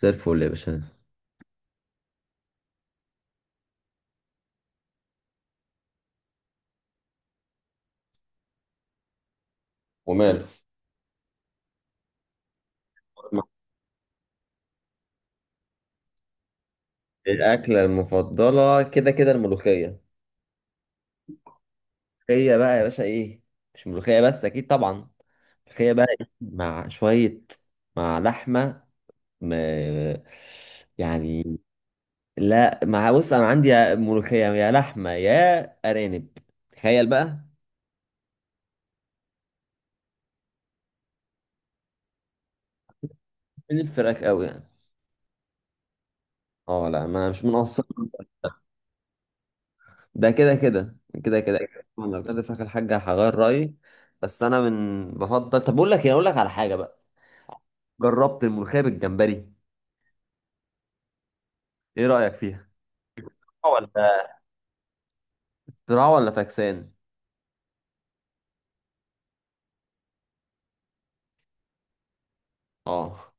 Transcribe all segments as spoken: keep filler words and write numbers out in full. زي الفل يا باشا. وماله؟ الأكلة المفضلة كده كده الملوخية. هي بقى يا باشا إيه؟ مش ملوخية بس، أكيد طبعا. ملوخية بقى إيه؟ مع شوية، مع لحمة، م... يعني، لا مع، بص أنا عندي يا ملوخية يا لحمة يا أرانب، تخيل بقى. من الفراخ أوي يعني. أه لا، ما مش منقصر. ده كده كده كده كده. أنا لو كنت فاكر الحاجة هغير رأيي. بس أنا من بفضل، طب بقول لك إيه، أقول لك على حاجة بقى. جربت الملوخية بالجمبري. ايه رأيك فيها؟ ولا اختراع ولا فاكسان؟ اه.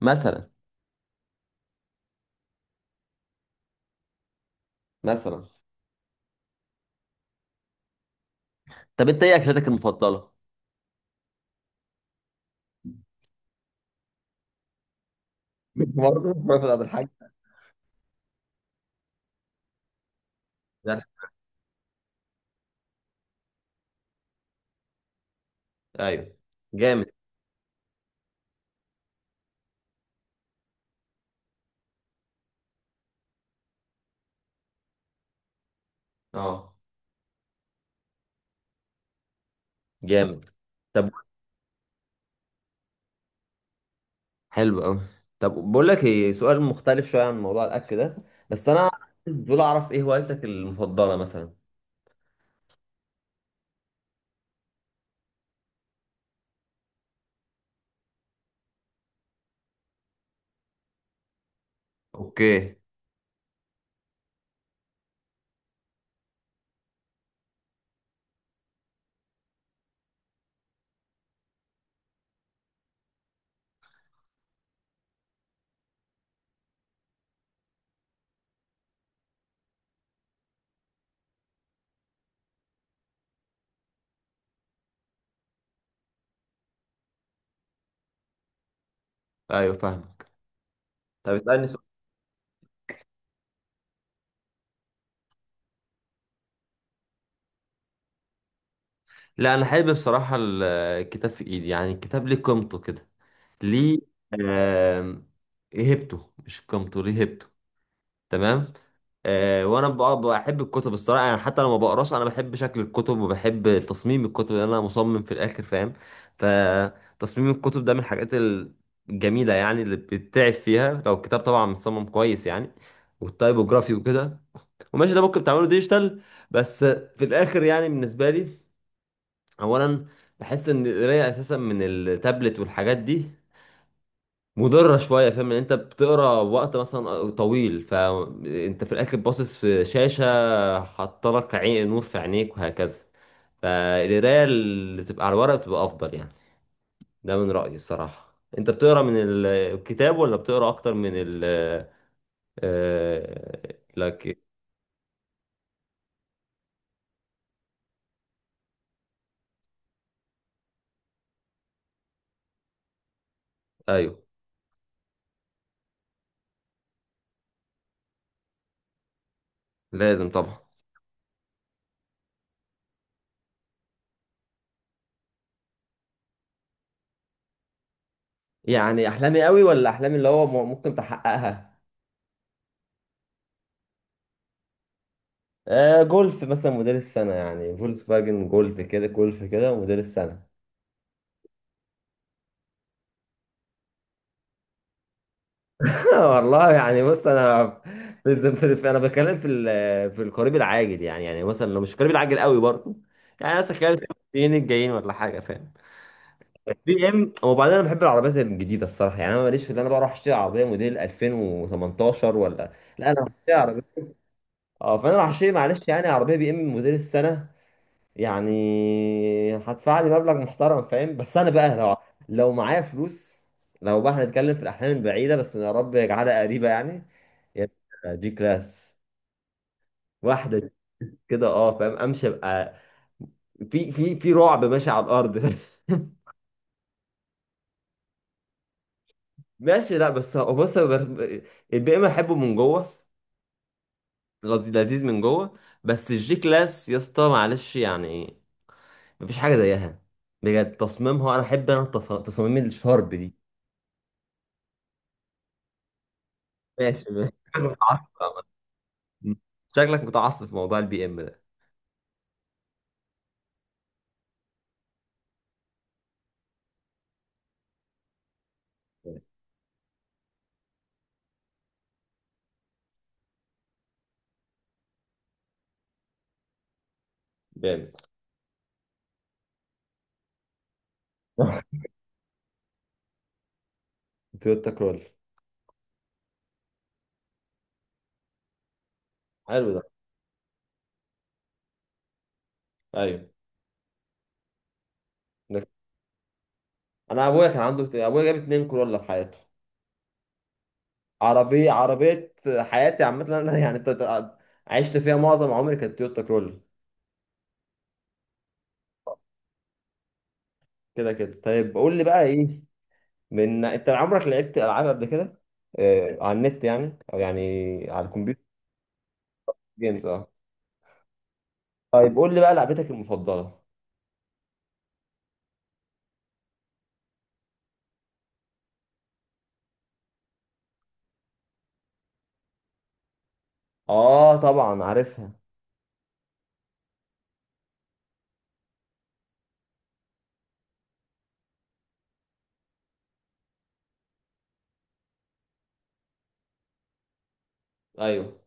مثلا. مثلا. طب انت ايه اكلتك المفضلة؟ برضه رفعت عبد الحاج. ده، ايوه. جامد. اه جامد. طب حلو قوي. طب بقول لك ايه، سؤال مختلف شويه عن موضوع الاكل ده. بس انا دول اعرف ايه هوايتك المفضله مثلا. اوكي. ايوه فاهمك. طب اسالني سؤال. لا انا حابب بصراحه ال- الكتاب في ايدي، يعني الكتاب ليه قيمته كده. ليه؟ آم، ايه هبته، مش قيمته، ليه هبته. تمام. آه، وانا بقى- بحب الكتب الصراحه، يعني حتى لما بقراش انا بحب شكل الكتب وبحب تصميم الكتب لان انا مصمم في الاخر فاهم. فتصميم الكتب ده من الحاجات الجميله يعني اللي بتتعب فيها لو الكتاب طبعا متصمم كويس يعني، والتايبوجرافي وكده. وماشي ده ممكن تعمله ديجيتال، بس في الاخر يعني بالنسبه لي، اولا، بحس ان القرايه اساسا من التابلت والحاجات دي مضرة شوية، فاهم؟ ان انت بتقرا وقت مثلا طويل، فانت في الاخر باصص في شاشة، حاطلك عين نور في عينيك وهكذا. فالقراية اللي بتبقى على الورق بتبقى افضل يعني. ده من رأيي الصراحة. انت بتقرا من ال- الكتاب ولا بتقرا اكتر من ال آه، لك؟ ايوه لازم طبعا. يعني احلامي قوي ولا احلامي اللي هو ممكن تحققها؟ آه، جولف مثلا موديل السنة، يعني فولكس فاجن جولف كده، جولف كده موديل السنة. والله يعني بص انا في الز- في- في- انا بتكلم في ال- في القريب العاجل يعني، يعني مثلا لو مش قريب العاجل قوي برضه، يعني مثلا خلال السنين الجايين ولا حاجه، فاهم؟ بي ام، وبعدين انا بحب العربيات الجديده الصراحه. يعني انا ماليش في ان انا بروح اشتري عربيه موديل ألفين وتمنتاشر ولا، لا انا هشتري عربيه. اه فانا راح اشتري، معلش يعني، عربيه بي ام موديل السنه، يعني هدفع لي مبلغ محترم فاهم. بس انا بقى لو لو معايا فلوس، لو بقى هنتكلم في الاحلام البعيده، بس يا رب يجعلها قريبه يعني. يا ابني دي كلاس. واحدة دي كده اه فاهم، امشي ابقى في في في رعب ماشي على الارض. ماشي، لا بس هو بص هو بر- البي ام احبه من جوه. لذيذ لذيذ من جوه. بس الجي كلاس يا اسطى معلش يعني، مفيش حاجة زيها بجد. تصميمها، انا احب انا التص- تصاميم الشارب دي. ماشي ماشي شكلك متعصب عامة. شكلك متعصب في موضوع البي ام ده. جامد. تويوتا كرول. حلو ده. ايوه ده- انا ابويا كان عنده، ابويا جاب اتنين كرولا في حياته. عربية عربية حياتي عامة أنا يعني، تت- عشت فيها معظم عمري كانت تويوتا كرول. كده كده. طيب قول لي بقى إيه، من أنت عمرك لعبت ألعاب قبل كده؟ آه، على النت يعني، أو يعني على الكمبيوتر، جيمز؟ أه. طيب قول لي بقى لعبتك المفضلة. أه طبعا عارفها. أيوه.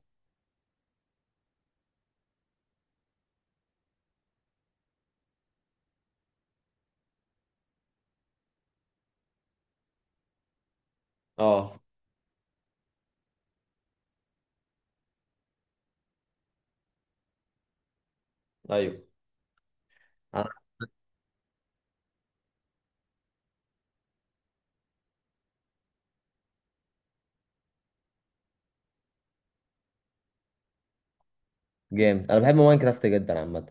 أه. أيوه. آه، جامد أنا بحب ماينكرافت جدا عامة.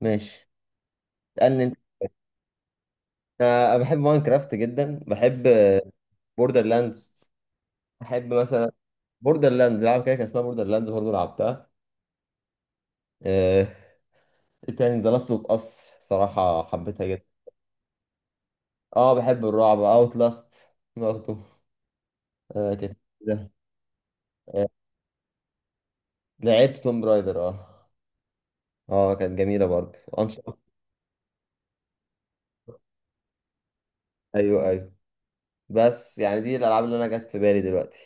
ماشي. اسألني أنت. أنا بحب ماينكرافت جدا. بحب بوردر لاندز. بحب مثلا بوردر لاندز، لعبة كده كان اسمها بوردر لاندز برضه، لعبتها. آه، ايه تاني؟ ذا لاست اوف اس، صراحة حبيتها جدا. اه بحب الرعب، اوت لاست برضه. آه كانت كده. آه، لعبت توم برايدر اه. اه كانت جميلة برضه انشطة. ايوه ايوه. بس يعني دي الالعاب اللي انا جت في بالي دلوقتي.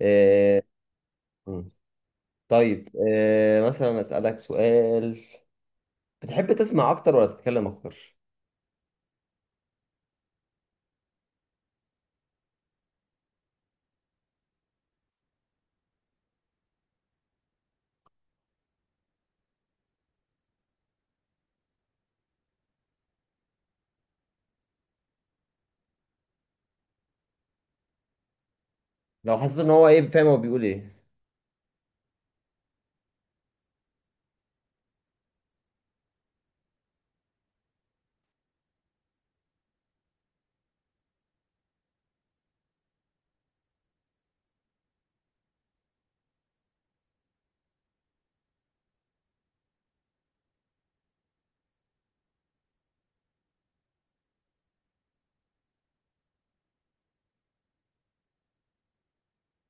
آه. مم. طيب، آه مثلا اسألك سؤال، بتحب تسمع اكتر ولا تتكلم اكتر؟ لو حسيت ان هو ايه، فاهم؟ هو بيقول ايه.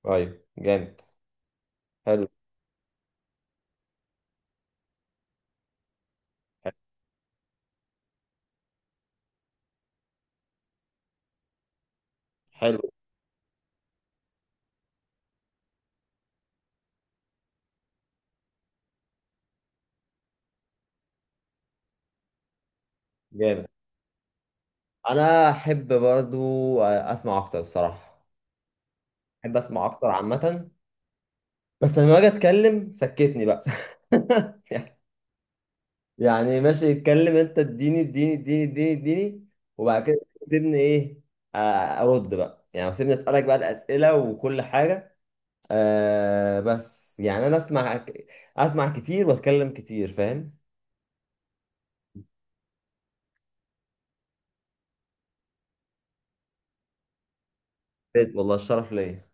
طيب جامد. حلو. حلو. جامد. انا احب برضو اسمع اكتر الصراحه. احب اسمع اكتر عامه. بس لما اجي اتكلم سكتني بقى. يعني ماشي، اتكلم انت، اديني اديني اديني اديني اديني. وبعد كده سيبني ايه، آه، ارد بقى يعني، سيبني اسالك بقى الاسئله وكل حاجه. أه بس يعني انا اسمع، اسمع كتير واتكلم كتير فاهم. والله الشرف ليا.